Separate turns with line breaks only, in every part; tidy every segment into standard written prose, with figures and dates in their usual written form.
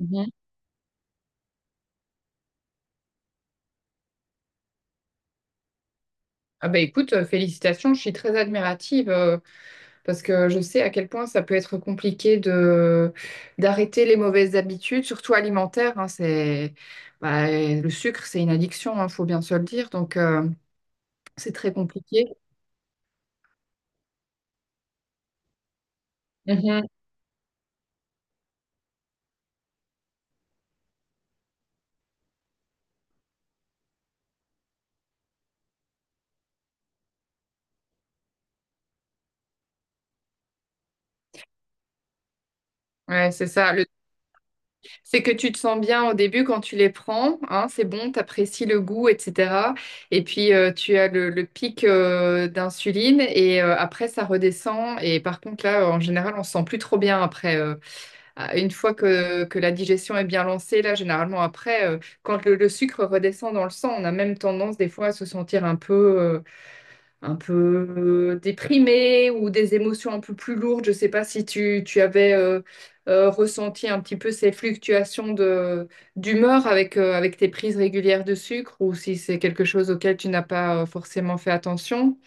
Mhm. Ah bah écoute, félicitations, je suis très admirative parce que je sais à quel point ça peut être compliqué de d'arrêter les mauvaises habitudes, surtout alimentaires, hein. C'est bah, le sucre, c'est une addiction, il faut bien se le dire, donc c'est très compliqué. Mhm. Ouais, c'est ça. Le C'est que tu te sens bien au début quand tu les prends, hein, c'est bon, tu apprécies le goût, etc. Et puis tu as le pic d'insuline et après ça redescend. Et par contre là, en général, on se sent plus trop bien après. Une fois que la digestion est bien lancée, là, généralement après, quand le sucre redescend dans le sang, on a même tendance des fois à se sentir euh, un peu déprimé, ou des émotions un peu plus lourdes. Je ne sais pas si tu avais ressenti un petit peu ces fluctuations d'humeur avec, avec tes prises régulières de sucre, ou si c'est quelque chose auquel tu n'as pas forcément fait attention.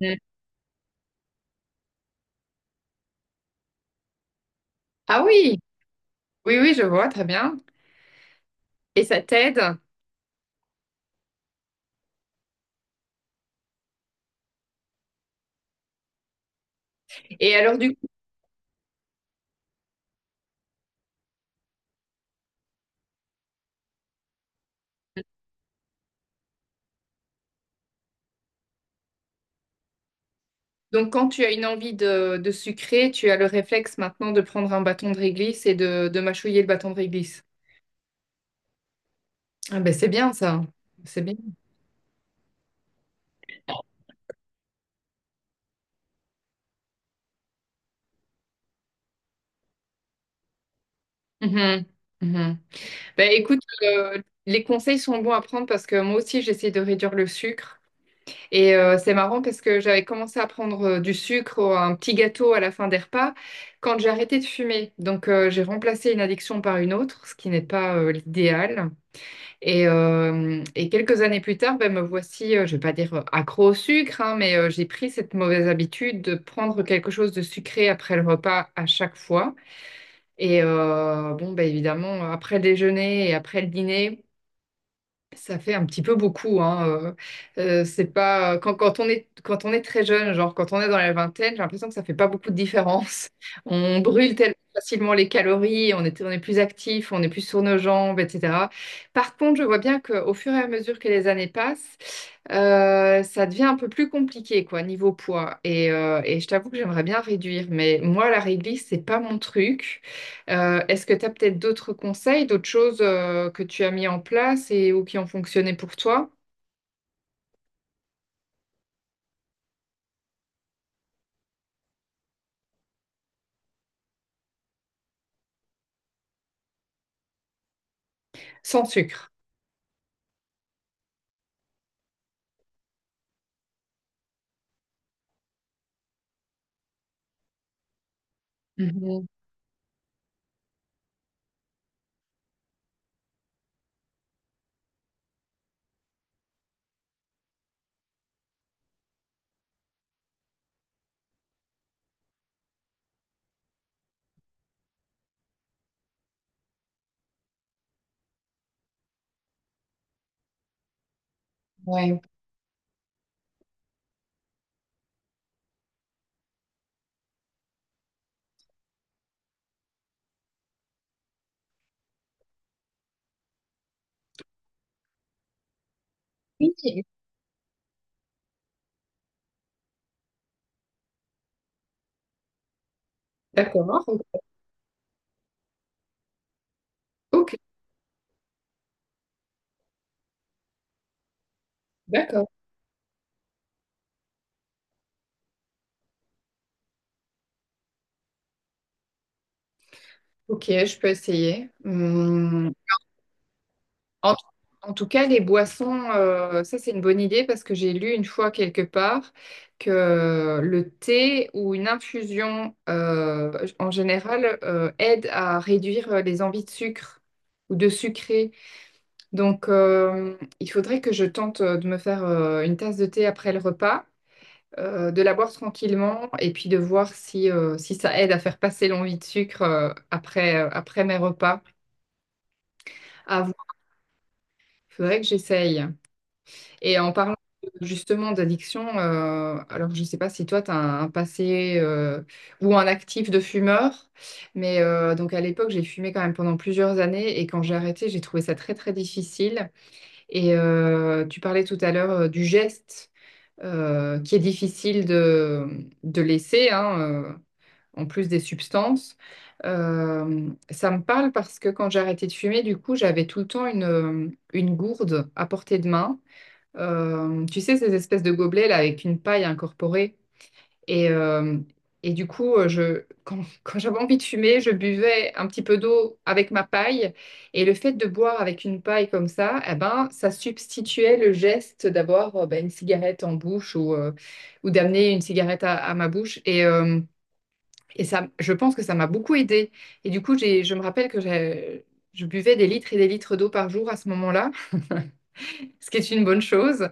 Mm. Ah oui, je vois, très bien. Et ça t'aide. Et alors du coup, donc quand tu as une envie de sucrer, tu as le réflexe maintenant de prendre un bâton de réglisse et de mâchouiller le bâton de réglisse. Ah ben c'est bien ça. C'est bien. Mhm. Mhm. Bah, écoute, les conseils sont bons à prendre parce que moi aussi j'essaie de réduire le sucre. Et c'est marrant parce que j'avais commencé à prendre du sucre, ou un petit gâteau à la fin des repas, quand j'ai arrêté de fumer. Donc j'ai remplacé une addiction par une autre, ce qui n'est pas l'idéal. Et quelques années plus tard, ben me voici, je vais pas dire accro au sucre, hein, mais j'ai pris cette mauvaise habitude de prendre quelque chose de sucré après le repas à chaque fois. Et bon, ben évidemment, après le déjeuner et après le dîner. Ça fait un petit peu beaucoup, hein. C'est pas quand on est très jeune, genre quand on est dans la vingtaine, j'ai l'impression que ça fait pas beaucoup de différence. On brûle tellement facilement les calories, on est plus actif, on est plus sur nos jambes, etc. Par contre, je vois bien qu'au fur et à mesure que les années passent, ça devient un peu plus compliqué, quoi, niveau poids. Et je t'avoue que j'aimerais bien réduire, mais moi la réglisse, c'est pas mon truc. Est-ce que tu as peut-être d'autres conseils, d'autres choses que tu as mis en place et ou qui ont fonctionné pour toi sans sucre? Mhm, ouais. Oui. D'accord. Ok, d'accord. Ok, je peux essayer. Hum. En, en tout cas, les boissons, ça c'est une bonne idée parce que j'ai lu une fois quelque part que le thé ou une infusion en général aide à réduire les envies de sucre ou de sucré. Donc, il faudrait que je tente de me faire une tasse de thé après le repas, de la boire tranquillement et puis de voir si, si ça aide à faire passer l'envie de sucre après mes repas. À voir. Il faudrait que j'essaye. Et en parlant justement d'addiction, alors je ne sais pas si toi, tu as un passé ou un actif de fumeur, mais donc à l'époque, j'ai fumé quand même pendant plusieurs années et quand j'ai arrêté, j'ai trouvé ça très, très difficile. Et tu parlais tout à l'heure du geste, qui est difficile de laisser, hein, en plus des substances. Ça me parle parce que quand j'ai arrêté de fumer, du coup, j'avais tout le temps une gourde à portée de main. Tu sais, ces espèces de gobelets là avec une paille incorporée. Et, euh, Quand j'avais envie de fumer, je buvais un petit peu d'eau avec ma paille. Et le fait de boire avec une paille comme ça, eh ben, ça substituait le geste d'avoir ben, une cigarette en bouche, ou d'amener une cigarette à ma bouche. Et ça, je pense que ça m'a beaucoup aidée. Je me rappelle que je buvais des litres et des litres d'eau par jour à ce moment-là. Ce qui est une bonne chose.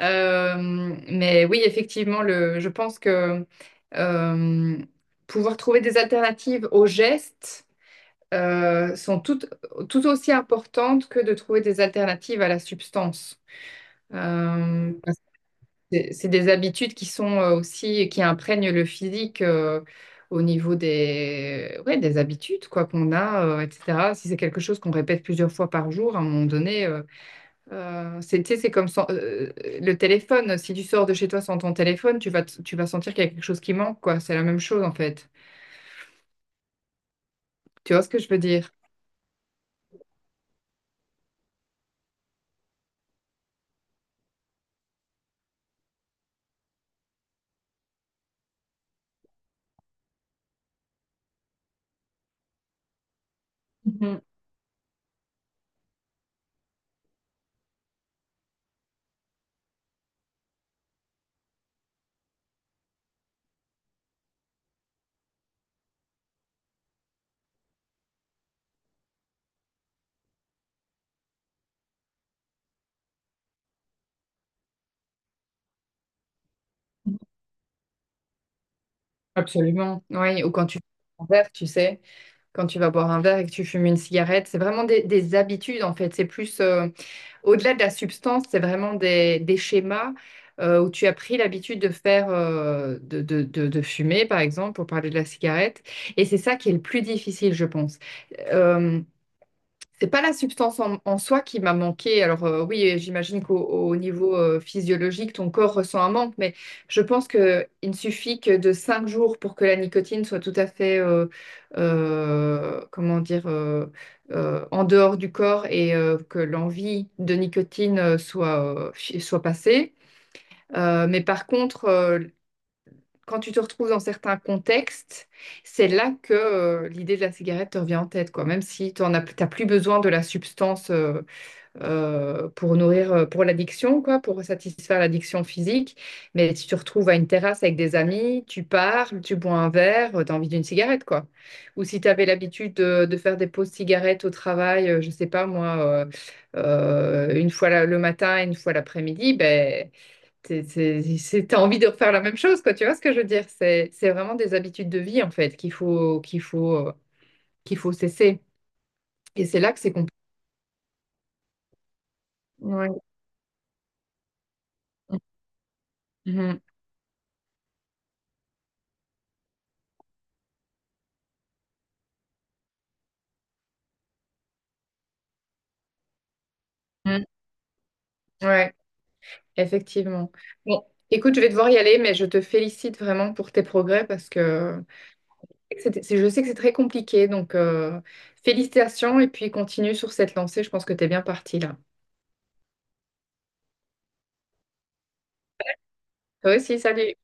Euh, mais oui, effectivement, je pense que euh, pouvoir trouver des alternatives aux gestes sont tout, tout aussi importantes que de trouver des alternatives à la substance. Parce que c'est des habitudes qui sont aussi, qui imprègnent le physique, au niveau des, ouais, des habitudes quoi qu'on a, etc. Si c'est quelque chose qu'on répète plusieurs fois par jour, à un moment donné, c'est, tu sais, c'est comme le téléphone. Si tu sors de chez toi sans ton téléphone, tu vas sentir qu'il y a quelque chose qui manque, quoi. C'est la même chose, en fait. Tu vois ce que je veux dire? Mhm. Absolument. Oui, ou quand tu bois un verre, tu sais, quand tu vas boire un verre et que tu fumes une cigarette, c'est vraiment des habitudes, en fait. C'est plus, au-delà de la substance, c'est vraiment des schémas où tu as pris l'habitude de faire, de fumer, par exemple, pour parler de la cigarette. Et c'est ça qui est le plus difficile, je pense. Euh, C'est pas la substance en soi qui m'a manqué. Alors oui, j'imagine qu'au niveau physiologique, ton corps ressent un manque, mais je pense qu'il ne suffit que de cinq jours pour que la nicotine soit tout à fait, comment dire, en dehors du corps, et que l'envie de nicotine soit, soit passée. Mais par contre, quand tu te retrouves dans certains contextes, c'est là que l'idée de la cigarette te revient en tête, quoi. Même si tu n'as plus besoin de la substance pour nourrir, pour l'addiction, quoi, pour satisfaire l'addiction physique. Mais si tu te retrouves à une terrasse avec des amis, tu parles, tu bois un verre, tu as envie d'une cigarette, quoi. Ou si tu avais l'habitude de faire des pauses cigarettes au travail, je sais pas moi, une fois le matin et une fois l'après-midi, ben t'as envie de refaire la même chose, quoi. Tu vois ce que je veux dire? C'est vraiment des habitudes de vie, en fait, qu'il faut cesser. Et c'est là que c'est compliqué. Ouais. Mhm. Mhm. Ouais, effectivement. Bon, écoute, je vais devoir y aller, mais je te félicite vraiment pour tes progrès parce que je sais que c'est très compliqué. Donc, félicitations, et puis continue sur cette lancée. Je pense que t'es bien parti là. Toi aussi, salut.